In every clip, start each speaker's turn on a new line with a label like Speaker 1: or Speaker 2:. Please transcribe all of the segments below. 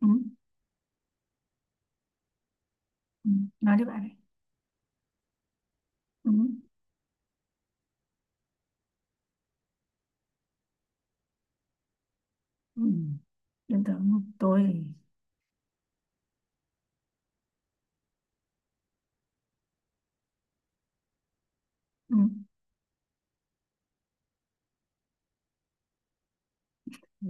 Speaker 1: Ừ, ừ, nói đi bạn ấy. Ừ. Ừ. Yên tưởng không? Ừ. Ừ.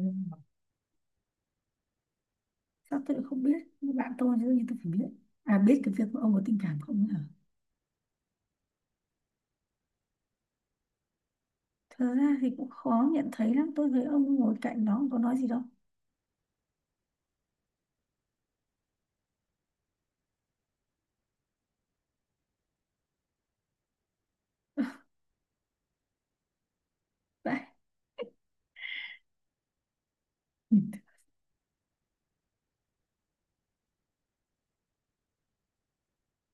Speaker 1: Sao tôi lại không biết? Bạn tôi chứ, nhưng tôi phải biết cái việc của ông có tình cảm không nhỉ? Thật ra thì cũng khó nhận thấy lắm, tôi thấy ông ngồi cạnh nó không có nói gì đâu. Vậy. Ừ.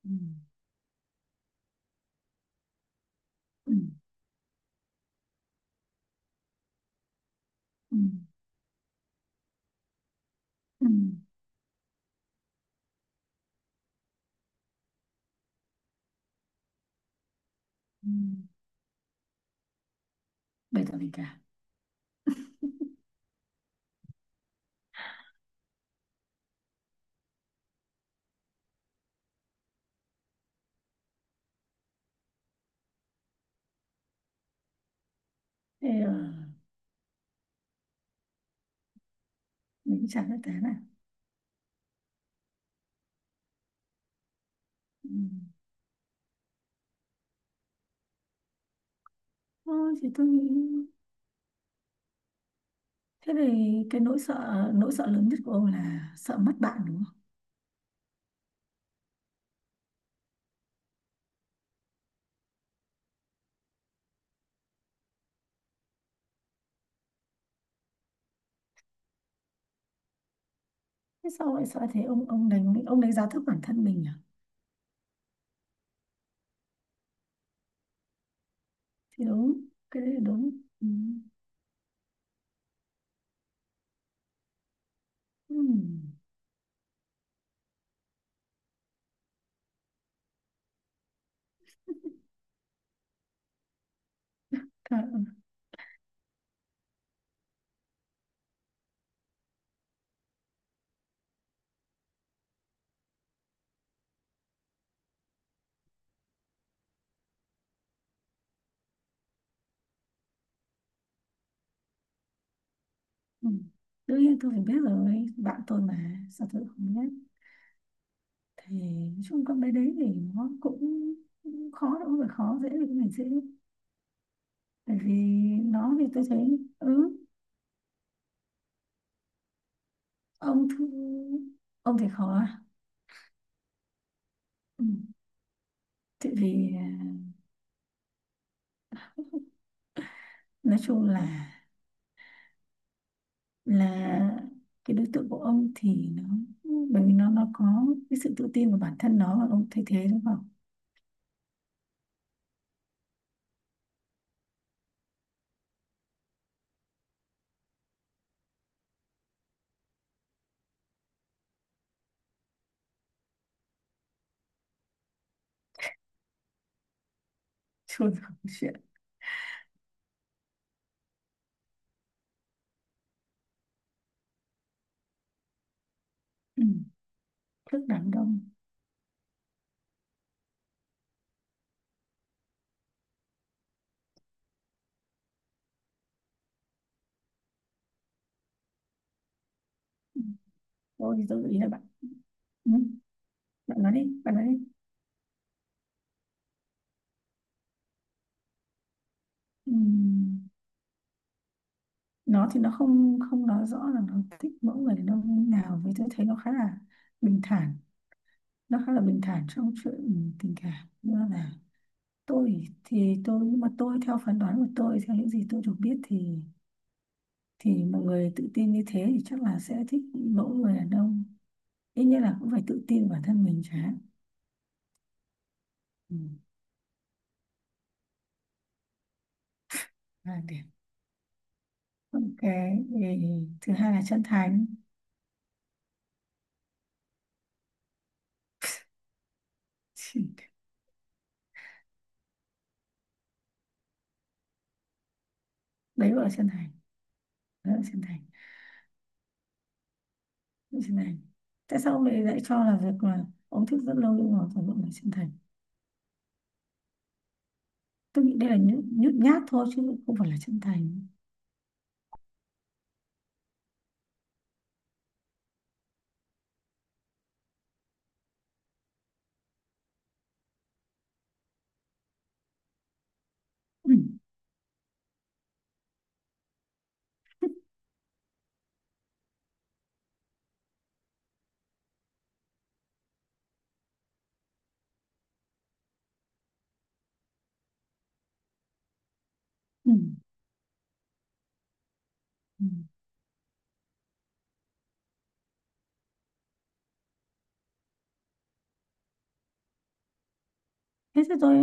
Speaker 1: Ừ. Ừ, ừ, ừ. Ừ. Bày tỏ tình cảm. Thế, mình cũng chẳng biết thế nào. Ừ. Thôi thì tôi nghĩ, thế thì cái nỗi sợ, nỗi sợ lớn nhất của ông là sợ mất bạn, đúng không? Thế sao lại, sao thế ông đánh giá thấp bản thân mình à? Thì đúng, cái đấy là đúng. Ừ. Ừ. Cả, ừ. Đương nhiên tôi phải biết rồi, bạn tôi mà sao tôi không biết. Thì nói chung con bé đấy thì nó cũng khó, đâu phải khó, dễ thì cũng phải dễ. Bởi vì nó thì tôi thấy, ừ, ông thư- ông thì khó à? Ừ. Thì vì nói chung là cái đối tượng của ông thì nó, bởi vì nó có cái sự tự tin vào bản thân nó và ông thay thế nó vào chuồn vào chuyện. Ừ. Rất đám đông. Ừ. Tôi thì tôi gợi ý là bạn. Ừ. Bạn nói đi, bạn nói đi. Ừ. Nó thì nó không không nói rõ là nó thích mẫu người đàn ông như nào, với tôi thấy nó khá là bình thản. Nó khá là bình thản trong chuyện tình cảm, như là tôi thì tôi, nhưng mà tôi theo phán đoán của tôi, theo những gì tôi được biết thì mọi người tự tin như thế thì chắc là sẽ thích mẫu người đàn ông ít nhất là cũng phải tự tin bản thân mình chứ. Ừ. 2 điểm. Ok, thì thứ hai là chân thành. Đấy gọi là chân thành. Đấy là chân thành. Đấy là chân thành. Tại sao ông lại, lại cho là việc là ông thích rất lâu nhưng mà phải gọi là chân thành? Tôi nghĩ đây là nhút nhát thôi chứ không phải là chân thành. Ừ. Ừ. Ừ. thế thì tôi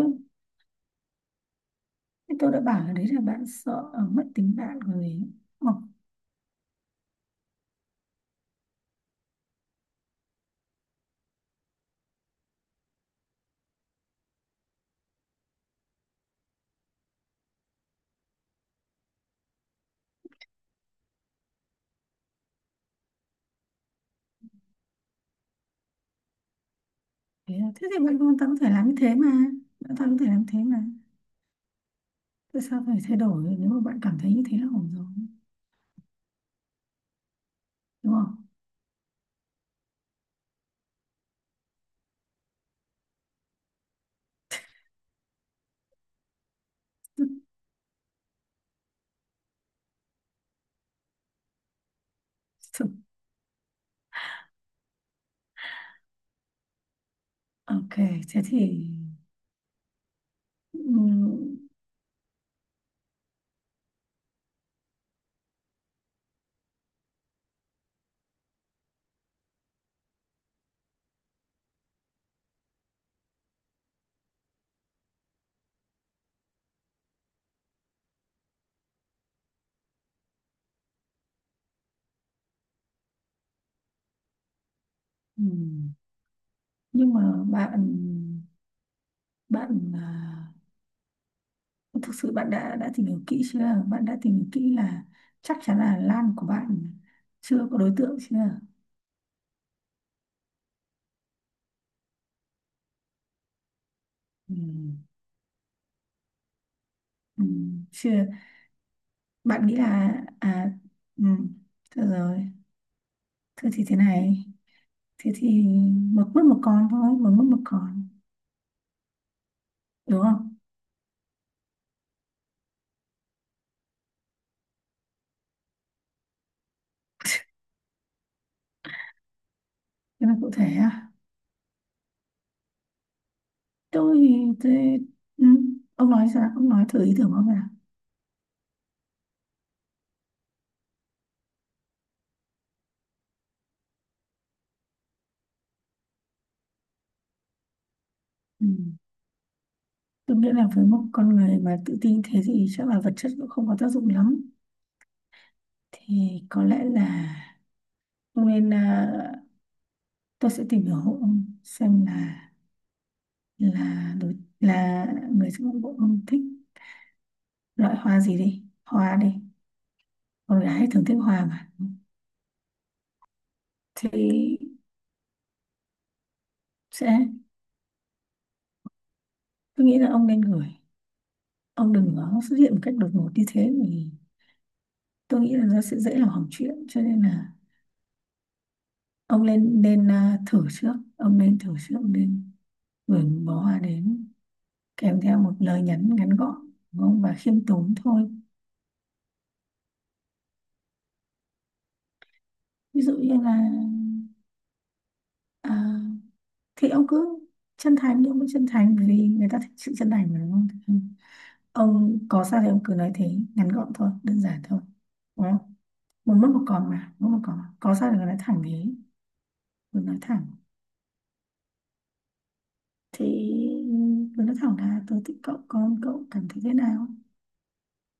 Speaker 1: Thế tôi đã bảo là đấy là bạn sợ, mất tính bạn rồi gì, hoặc. Thế, à? Thế thì bạn hoàn toàn có thể làm như thế mà. Bạn toàn có thể làm thế mà. Tại sao phải thay đổi nếu mà bạn cảm thấy như thế là ổn rồi? Đúng không? Thực- Ok, thế thì, ừm, ừm, nhưng mà bạn, bạn à, thực sự bạn đã tìm hiểu kỹ chưa? Bạn đã tìm hiểu kỹ là chắc chắn là Lan của bạn chưa có đối tượng chưa? Ừm, Chưa. Bạn nghĩ là à, ừm, được rồi. Thế thì thế này, thế thì một mất một con thôi, một mất một con. Đúng không? Thế là cụ thể à? Tôi thì tôi, ừ, ông nói sao, ông nói thử ý tưởng của ông nào. Ừ. Tôi nghĩ là với một con người mà tự tin thế thì chắc là vật chất cũng không có tác dụng lắm. Thì có lẽ là ông nên, tôi sẽ tìm hiểu hộ ông xem là đối là người trong ngũ của ông thích loại hoa gì, đi hoa đi. Con gái thường thích hoa mà. Thì sẽ, tôi nghĩ là ông nên gửi, ông đừng có xuất hiện một cách đột ngột như thế thì tôi nghĩ là nó sẽ dễ làm hỏng chuyện. Cho nên là ông nên nên à, thử trước. Ông nên thử trước. Ông nên gửi một bó hoa đến, kèm theo một lời nhắn ngắn gọn, đúng không? Và khiêm tốn thôi. Ví dụ như là, à, thì ông cứ chân thành, nhưng vẫn chân thành vì người ta thích sự chân thành mà, đúng không? Ừ. Ông có sao thì ông cứ nói thế, ngắn gọn thôi, đơn giản thôi, đúng không? Một mất một còn mà, một mất một còn mà. Có sao thì cứ nói thẳng thế. Cứ nói thẳng. Thì tôi nói thẳng là tôi thích cậu, con cậu cảm thấy thế nào?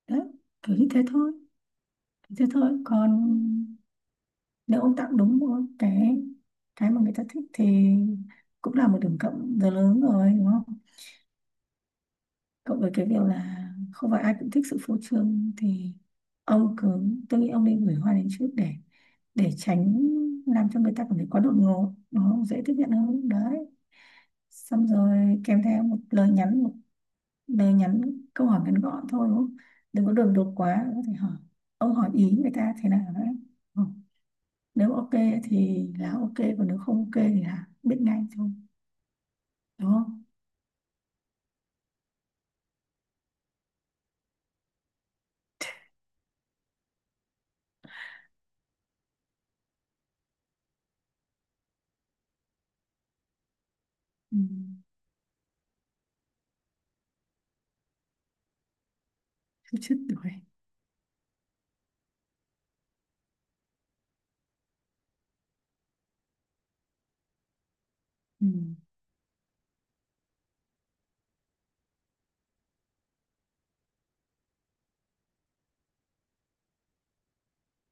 Speaker 1: Đấy, kiểu như thế thôi. Thế thôi. Còn nếu ông tặng đúng một cái mà người ta thích, thì cũng là một điểm cộng rất lớn rồi, đúng không? Cộng với cái việc là không phải ai cũng thích sự phô trương, thì ông cứ, tôi nghĩ ông nên gửi hoa đến trước để tránh làm cho người ta cảm thấy quá đột ngột, nó dễ tiếp nhận hơn đấy. Xong rồi kèm theo một lời nhắn, một bé nhắn, câu hỏi ngắn gọn thôi, đúng không? Đừng có đường đột quá, có thể hỏi. Ông hỏi ý người ta thế nào đấy. Ừ. Nếu ok thì là ok, còn nếu không ok thì là biết ngay thôi. Đúng không? Ừ. Chút chút tuổi. Ừ.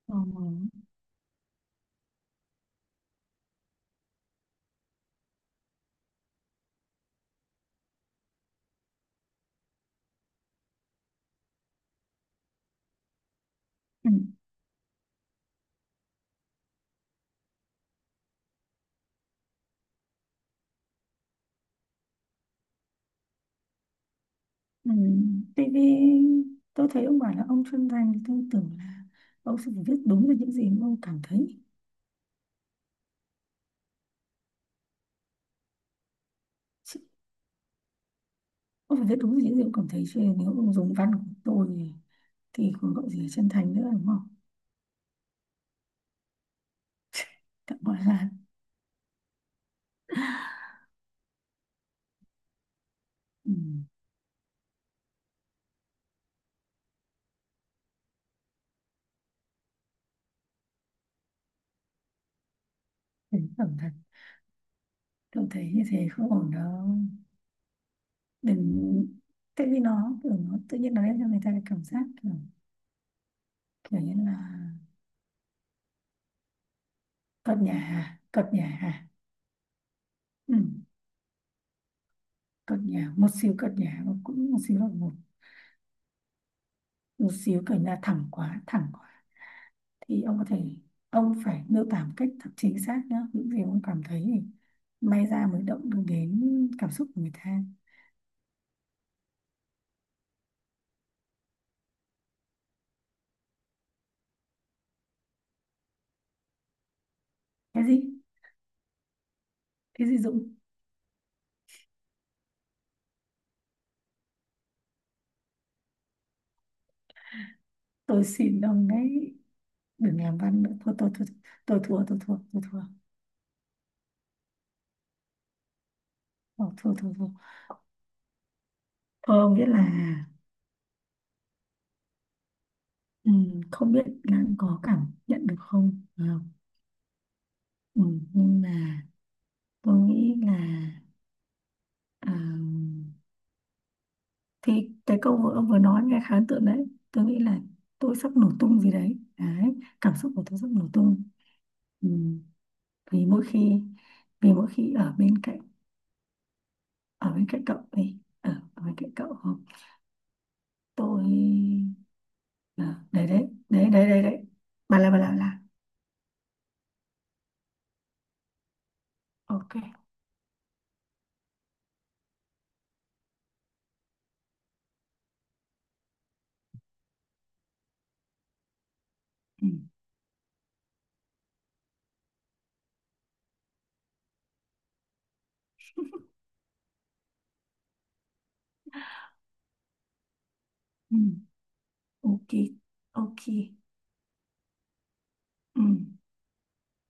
Speaker 1: Ờ. Ừ. Ừ. Tại vì tôi thấy ông bảo là ông chuyên ngành thì tôi tưởng là ông sẽ phải viết đúng được những gì mà ông cảm thấy. Chứ ông phải viết đúng được những gì ông cảm thấy chứ, nếu ông dùng văn của tôi thì còn gọi gì là chân thành nữa, đúng không? Tạm gọi là. Ừ, thấy ổn thật. Tôi thấy như thế không ổn đâu. Đừng. Tại vì nó kiểu, nó tự nhiên nó đem cho người ta cái cảm giác kiểu, kiểu như là cợt nhả hả? Cợt nhả hả? Ừ, cợt nhả một xíu, cợt nhả, và cũng một xíu là một một xíu kiểu như là thẳng quá, thẳng quá. Thì ông có thể, ông phải miêu tả một cách thật chính xác nhá những gì ông cảm thấy, thì may ra mới động được đến cảm xúc của người ta. Cái gì? Cái gì Dũng? Tôi xin ông đấy, đừng làm văn nữa. Thôi tôi thua. Tôi thua. Tôi thua. Ờ, thua thua thua. Thua nghĩa là, ừ, không biết là có cảm nhận được không phải không? Ừ. Nhưng mà tôi nghĩ là, à, thì cái câu vừa ông vừa nói nghe khá ấn tượng đấy. Tôi nghĩ là tôi sắp nổ tung gì đấy, đấy cảm xúc của tôi sắp nổ tung. Ừ. Vì mỗi khi, vì mỗi khi ở bên cạnh, ở bên cạnh cậu ấy, ở, ở bên cạnh cậu, tôi, à, đấy đấy đấy đấy đấy đấy, bà là bà là bà là. Ok. Ừ. Ừ. Ok. Ok. Ừ.